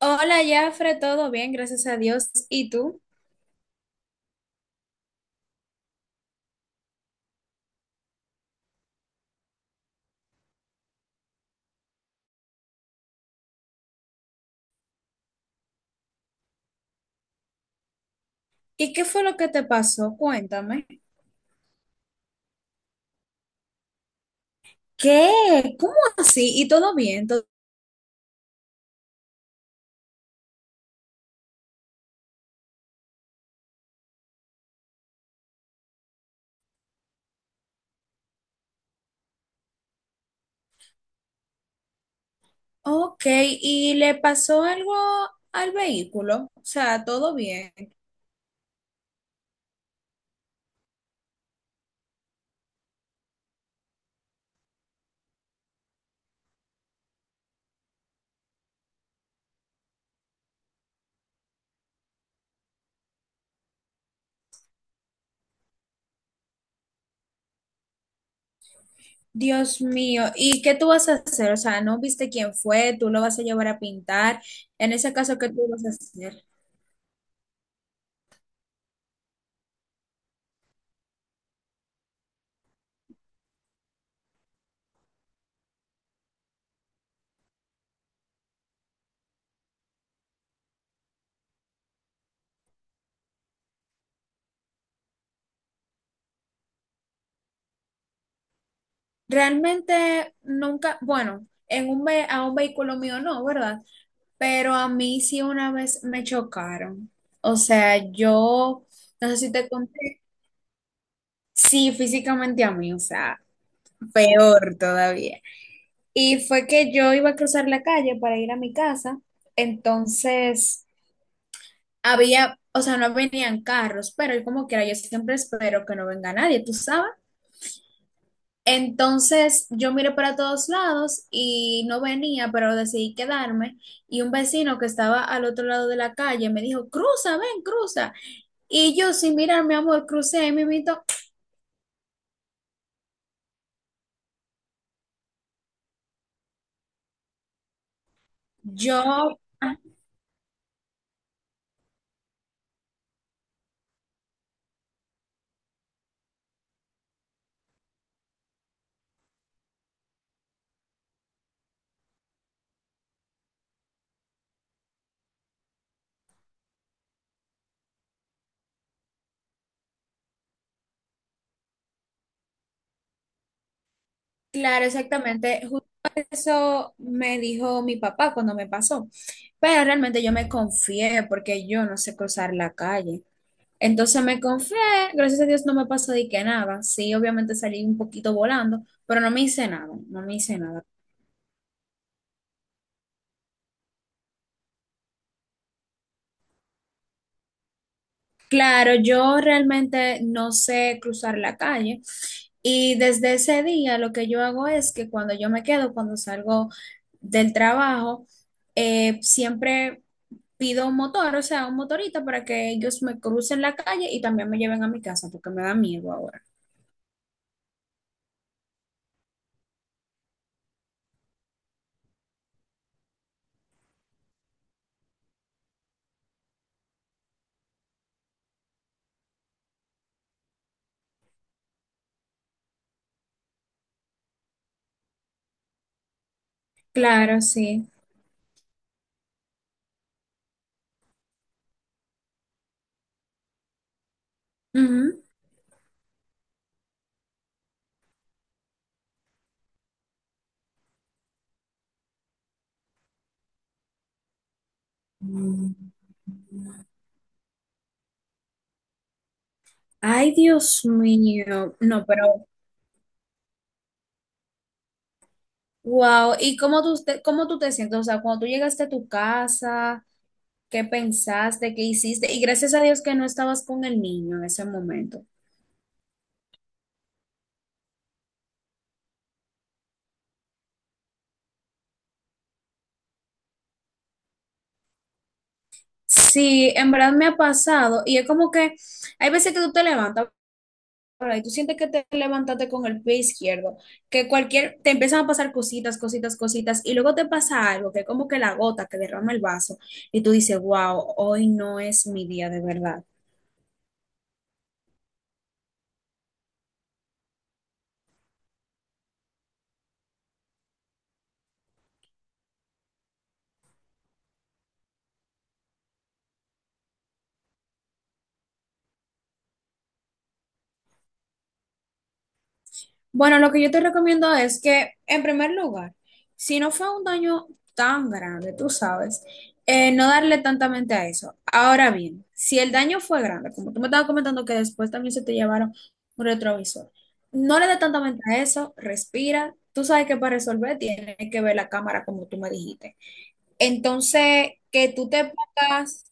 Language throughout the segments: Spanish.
Hola, Jafre, todo bien, gracias a Dios. ¿Y tú? ¿Y qué fue lo que te pasó? Cuéntame. ¿Qué? ¿Cómo así? ¿Y todo bien? ¿Todo- Ok, ¿y le pasó algo al vehículo? O sea, todo bien. Dios mío, ¿y qué tú vas a hacer? O sea, ¿no viste quién fue? ¿Tú lo vas a llevar a pintar? En ese caso, ¿qué tú vas a hacer? Realmente nunca, bueno, en un ve- a un vehículo mío no, ¿verdad? Pero a mí sí una vez me chocaron. O sea, yo, no sé si te conté, sí, físicamente a mí, o sea, peor todavía. Y fue que yo iba a cruzar la calle para ir a mi casa, entonces había, o sea, no venían carros, pero yo como quiera, yo siempre espero que no venga nadie, tú sabes. Entonces yo miré para todos lados y no venía, pero decidí quedarme. Y un vecino que estaba al otro lado de la calle me dijo, cruza, ven, cruza. Y yo, sin mirar, mi amor, crucé ahí mimito. Yo, ah, claro, exactamente. Justo eso me dijo mi papá cuando me pasó. Pero realmente yo me confié porque yo no sé cruzar la calle. Entonces me confié, gracias a Dios no me pasó de que nada. Sí, obviamente salí un poquito volando, pero no me hice nada, no me hice nada. Claro, yo realmente no sé cruzar la calle y desde ese día lo que yo hago es que cuando yo me quedo, cuando salgo del trabajo, siempre pido un motor, o sea, un motorista para que ellos me crucen la calle y también me lleven a mi casa porque me da miedo ahora. Claro, sí. Ujú. Mm. Ay, Dios mío. No, pero, wow. ¿Y cómo tú te sientes? O sea, cuando tú llegaste a tu casa. ¿Qué pensaste, qué hiciste? Y gracias a Dios que no estabas con el niño en ese momento. Sí, en verdad me ha pasado, y es como que hay veces que tú te levantas, ¿verdad? Y tú sientes que te levantaste con el pie izquierdo, que cualquier, te empiezan a pasar cositas, cositas, cositas, y luego te pasa algo, que es como que la gota que derrama el vaso, y tú dices, wow, hoy no es mi día de verdad. Bueno, lo que yo te recomiendo es que, en primer lugar, si no fue un daño tan grande, tú sabes, no darle tanta mente a eso. Ahora bien, si el daño fue grande, como tú me estabas comentando que después también se te llevaron un retrovisor, no le dé tanta mente a eso, respira. Tú sabes que para resolver tienes que ver la cámara como tú me dijiste. Entonces, que tú te pongas,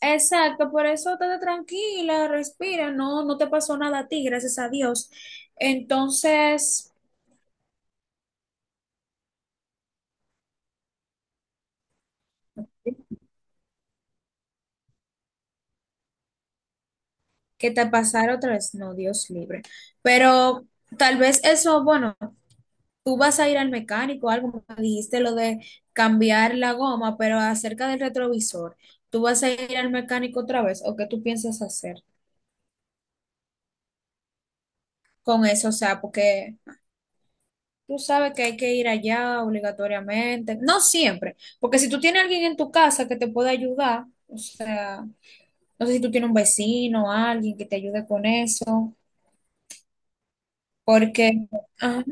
exacto, por eso estate tranquila, respira, no, no te pasó nada a ti, gracias a Dios. Entonces, que te pasara otra vez, no, Dios libre. Pero tal vez eso, bueno, tú vas a ir al mecánico, algo, me dijiste lo de cambiar la goma, pero acerca del retrovisor, ¿tú vas a ir al mecánico otra vez o qué tú piensas hacer con eso? O sea, porque tú sabes que hay que ir allá obligatoriamente, no siempre, porque si tú tienes alguien en tu casa que te pueda ayudar, o sea, no sé si tú tienes un vecino o alguien que te ayude con eso, porque... Ajá.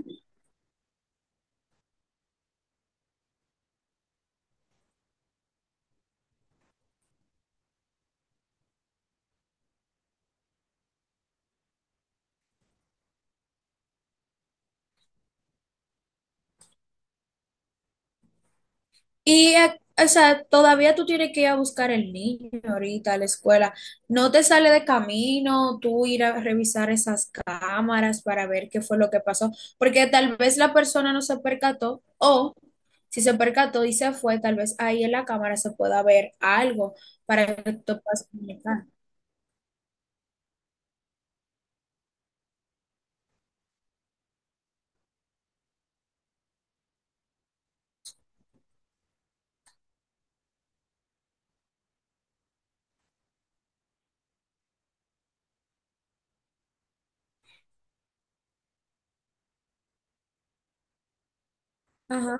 Y, o sea, todavía tú tienes que ir a buscar el niño ahorita a la escuela. No te sale de camino tú ir a revisar esas cámaras para ver qué fue lo que pasó, porque tal vez la persona no se percató o si se percató y se fue, tal vez ahí en la cámara se pueda ver algo para que tú puedas comunicar. Ajá.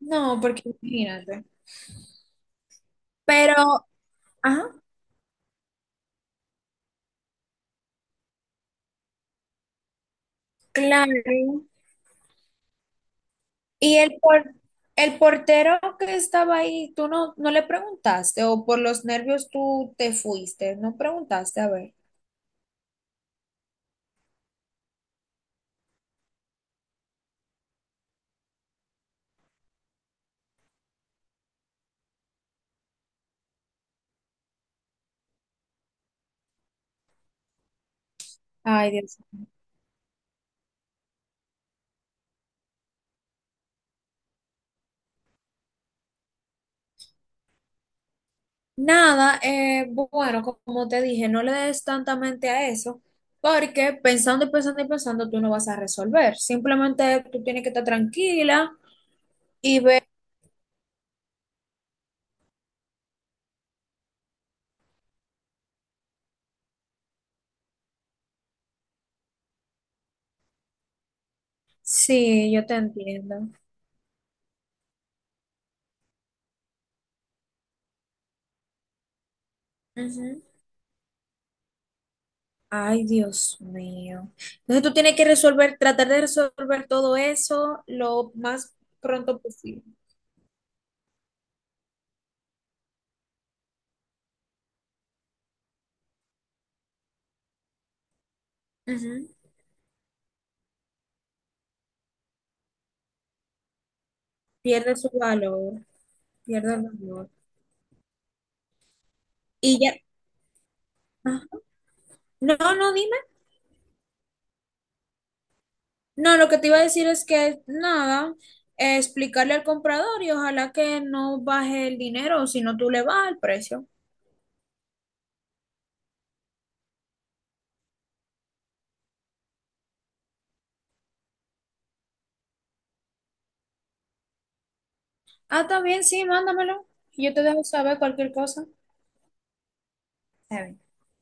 No, porque imagínate. Pero, ajá, claro. Y el, por- el portero que estaba ahí, tú no, no le preguntaste, o por los nervios tú te fuiste, no preguntaste, a ver. Ay, Dios. Nada, bueno, como te dije, no le des tanta mente a eso, porque pensando y pensando y pensando, tú no vas a resolver. Simplemente tú tienes que estar tranquila y ver. Sí, yo te entiendo. Ujú. Ay, Dios mío. Entonces tú tienes que resolver, tratar de resolver todo eso lo más pronto posible. Ujú. Pierde su valor, pierde el valor. Y ya, ajá. No, no, dime. No, lo que te iba a decir es que nada, explicarle al comprador y ojalá que no baje el dinero, o si no tú le bajas el precio. Ah, también, sí, mándamelo. Yo te dejo saber cualquier cosa. Está bien.